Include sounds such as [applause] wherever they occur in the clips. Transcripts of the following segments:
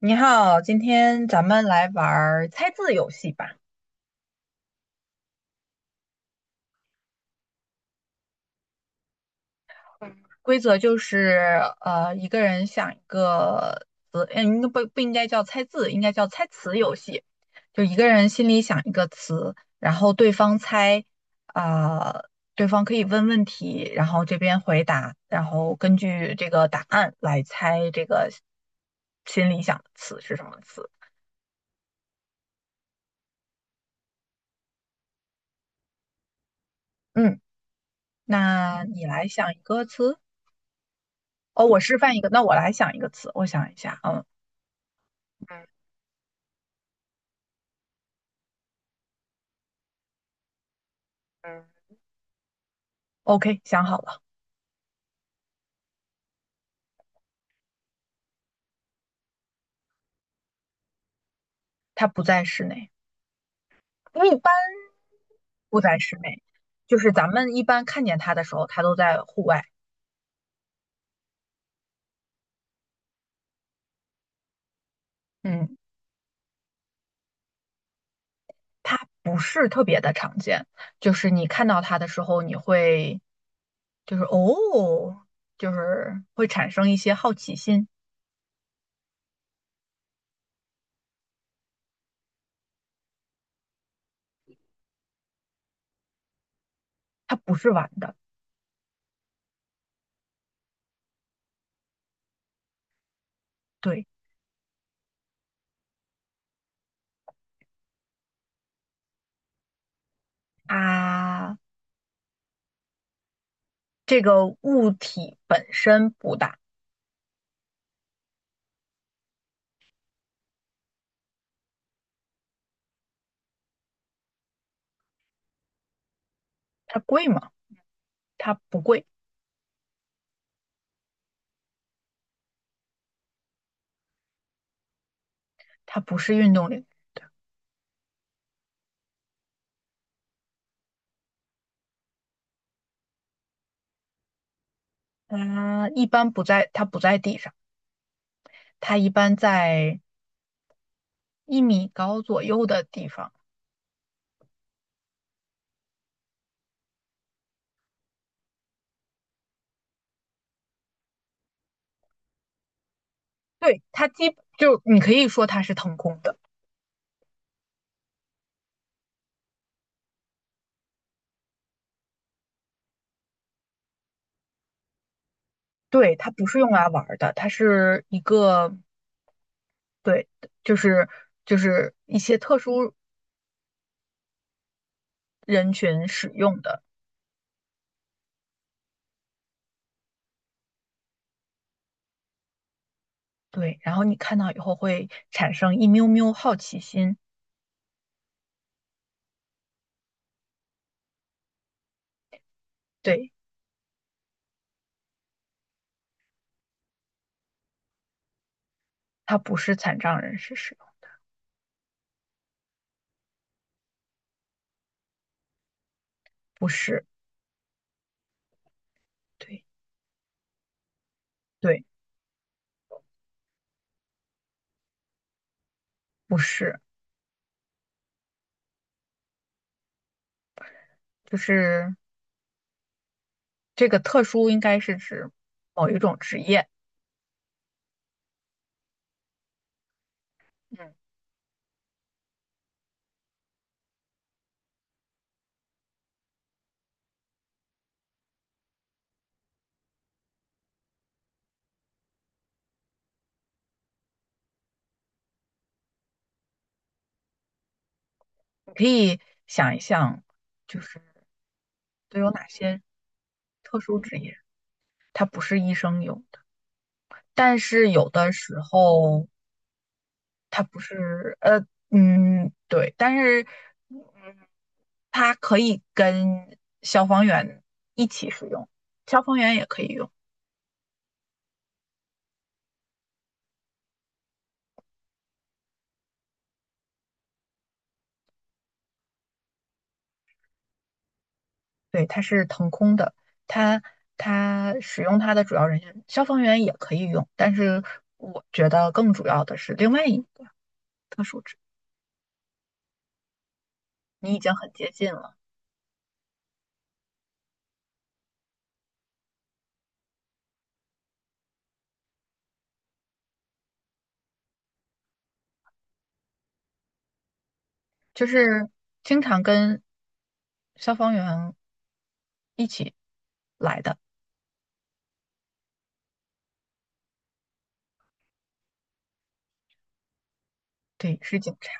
你好，今天咱们来玩儿猜字游戏吧。规则就是，一个人想一个词，嗯，应该不应该叫猜字，应该叫猜词游戏。就一个人心里想一个词，然后对方猜，啊、对方可以问问题，然后这边回答，然后根据这个答案来猜这个心里想的词是什么词。嗯，那你来想一个词。哦，我示范一个，那我来想一个词，我想一下，嗯。嗯嗯 OK，想好了，它不在室内，因为一般不在室内，就是咱们一般看见它的时候，它都在户外。嗯，它不是特别的常见，就是你看到它的时候，你会就是哦，就是会产生一些好奇心。它不是玩的，对，啊，这个物体本身不大，它贵吗？它不贵，它不是运动领域，它一般不在，它不在地上。它一般在一米高左右的地方。对，就你可以说它是腾空的，对，它不是用来玩儿的，它是一个对，就是就是一些特殊人群使用的。对，然后你看到以后会产生一喵喵好奇心。对，它不是残障人士使用，不是，对对，不是，就是这个特殊应该是指某一种职业。嗯。你可以想一想，就是都有哪些特殊职业，它不是医生有的，但是有的时候它不是，对，但是，嗯，它可以跟消防员一起使用，消防员也可以用，对，它是腾空的，它它使用它的主要人员，消防员也可以用，但是我觉得更主要的是另外一个特殊职业你已经很接近了。就是经常跟消防员一起来的，对，是警察，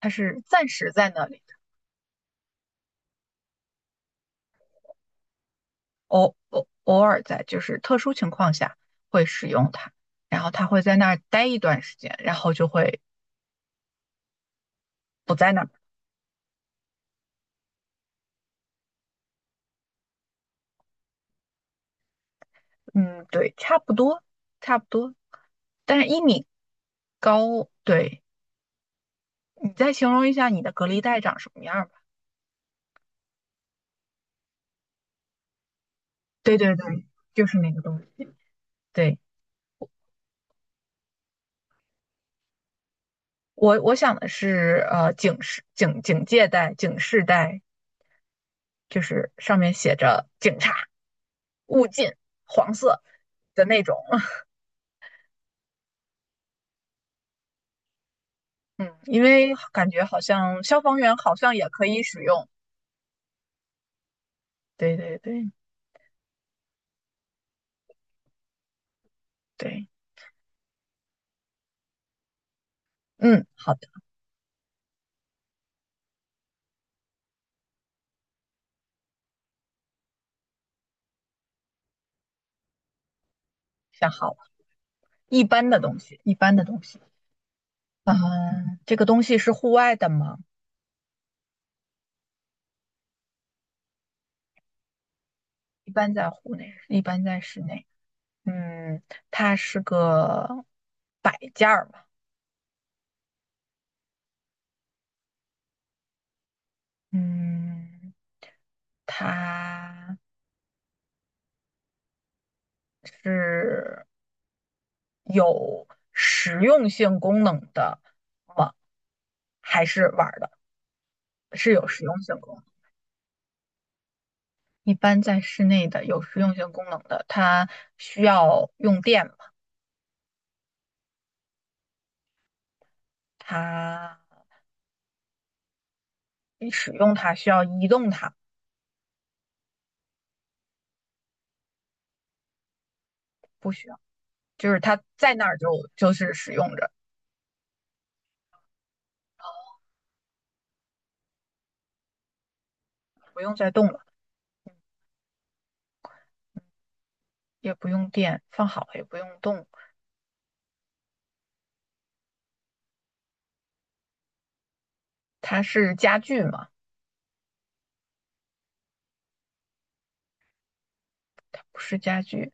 他是暂时在那里的，偶尔在就是特殊情况下会使用它，然后他会在那儿待一段时间，然后就会不在那儿。嗯，对，差不多，差不多，但是一米高，对，你再形容一下你的隔离带长什么样吧？对对对，就是那个东西，对。我想的是，警戒带、警示带，就是上面写着“警察勿近”黄色的那种。[laughs] 嗯，因为感觉好像消防员好像也可以使用。对对对对，嗯，好的，想好了。一般的东西，一般的东西。嗯，这个东西是户外的吗？一般在户内，一般在室内。嗯，它是个摆件儿嘛。嗯，它。是有实用性功能的吗？还是玩儿的？是有实用性功能。一般在室内的有实用性功能的，它需要用电嘛？它你使用它需要移动它，不需要，就是它在那儿就就是使用着，不用再动了，也不用电，放好了也不用动。它是家具吗？不是家具，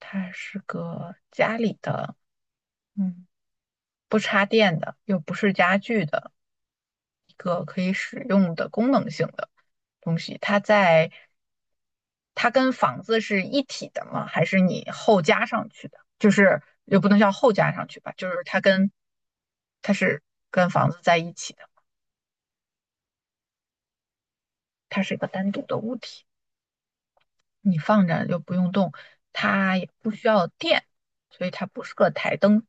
它是个家里的，嗯。不插电的，又不是家具的一个可以使用的功能性的东西。它在它跟房子是一体的吗？还是你后加上去的？就是又不能叫后加上去吧，就是它跟它是跟房子在一起的，它是一个单独的物体，你放着又不用动，它也不需要电，所以它不是个台灯。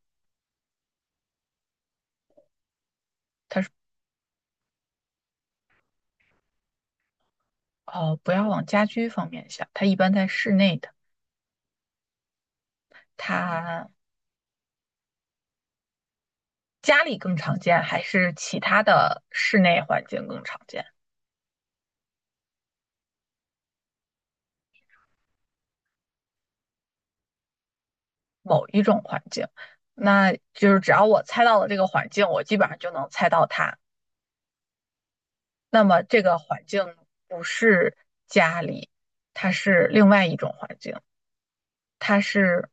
哦，不要往家居方面想，它一般在室内的，它家里更常见，还是其他的室内环境更常见？某一种环境，那就是只要我猜到了这个环境，我基本上就能猜到它。那么这个环境不是家里，它是另外一种环境，它是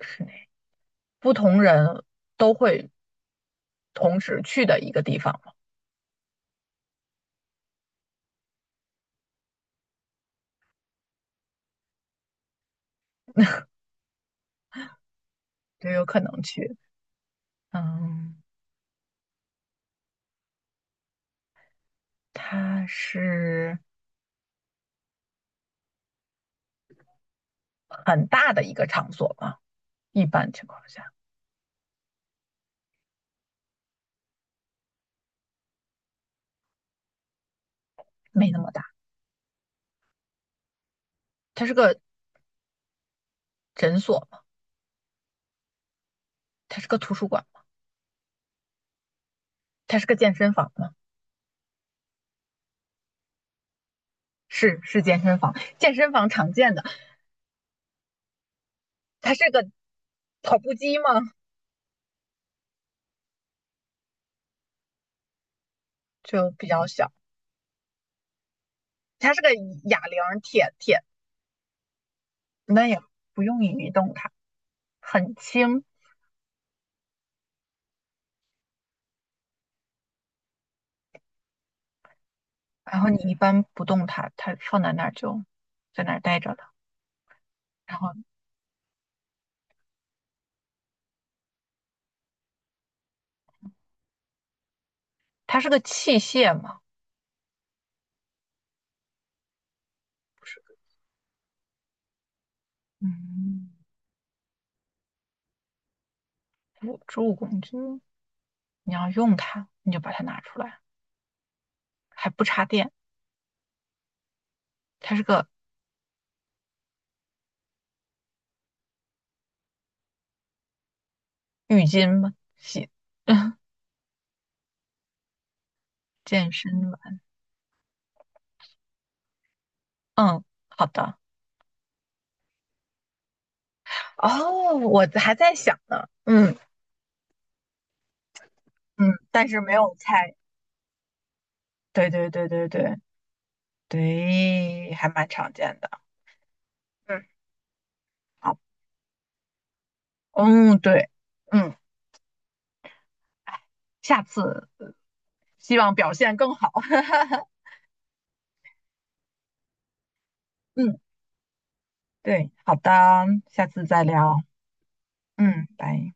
室内，不同人都会同时去的一个地方嘛，就有可能去。嗯，它是很大的一个场所嘛，一般情况下没那么大，它是个诊所。它是个图书馆吗？它是个健身房吗？是是健身房，健身房常见的。它是个跑步机吗？就比较小。它是个哑铃，铁铁，那也不用移动它，很轻。然后你一般不动它，它放在那儿就在那儿待着了。然后它是个器械吗？不是，嗯，辅助工具。你要用它，你就把它拿出来，还不插电。它是个浴巾吗？洗 [laughs] 健身吧，嗯，好的。哦，我还在想呢，嗯嗯，但是没有猜。对对对对对对，还蛮常见的。嗯，好，嗯对，嗯，哎，下次希望表现更好。[laughs] 嗯，对，好的，下次再聊。嗯，拜。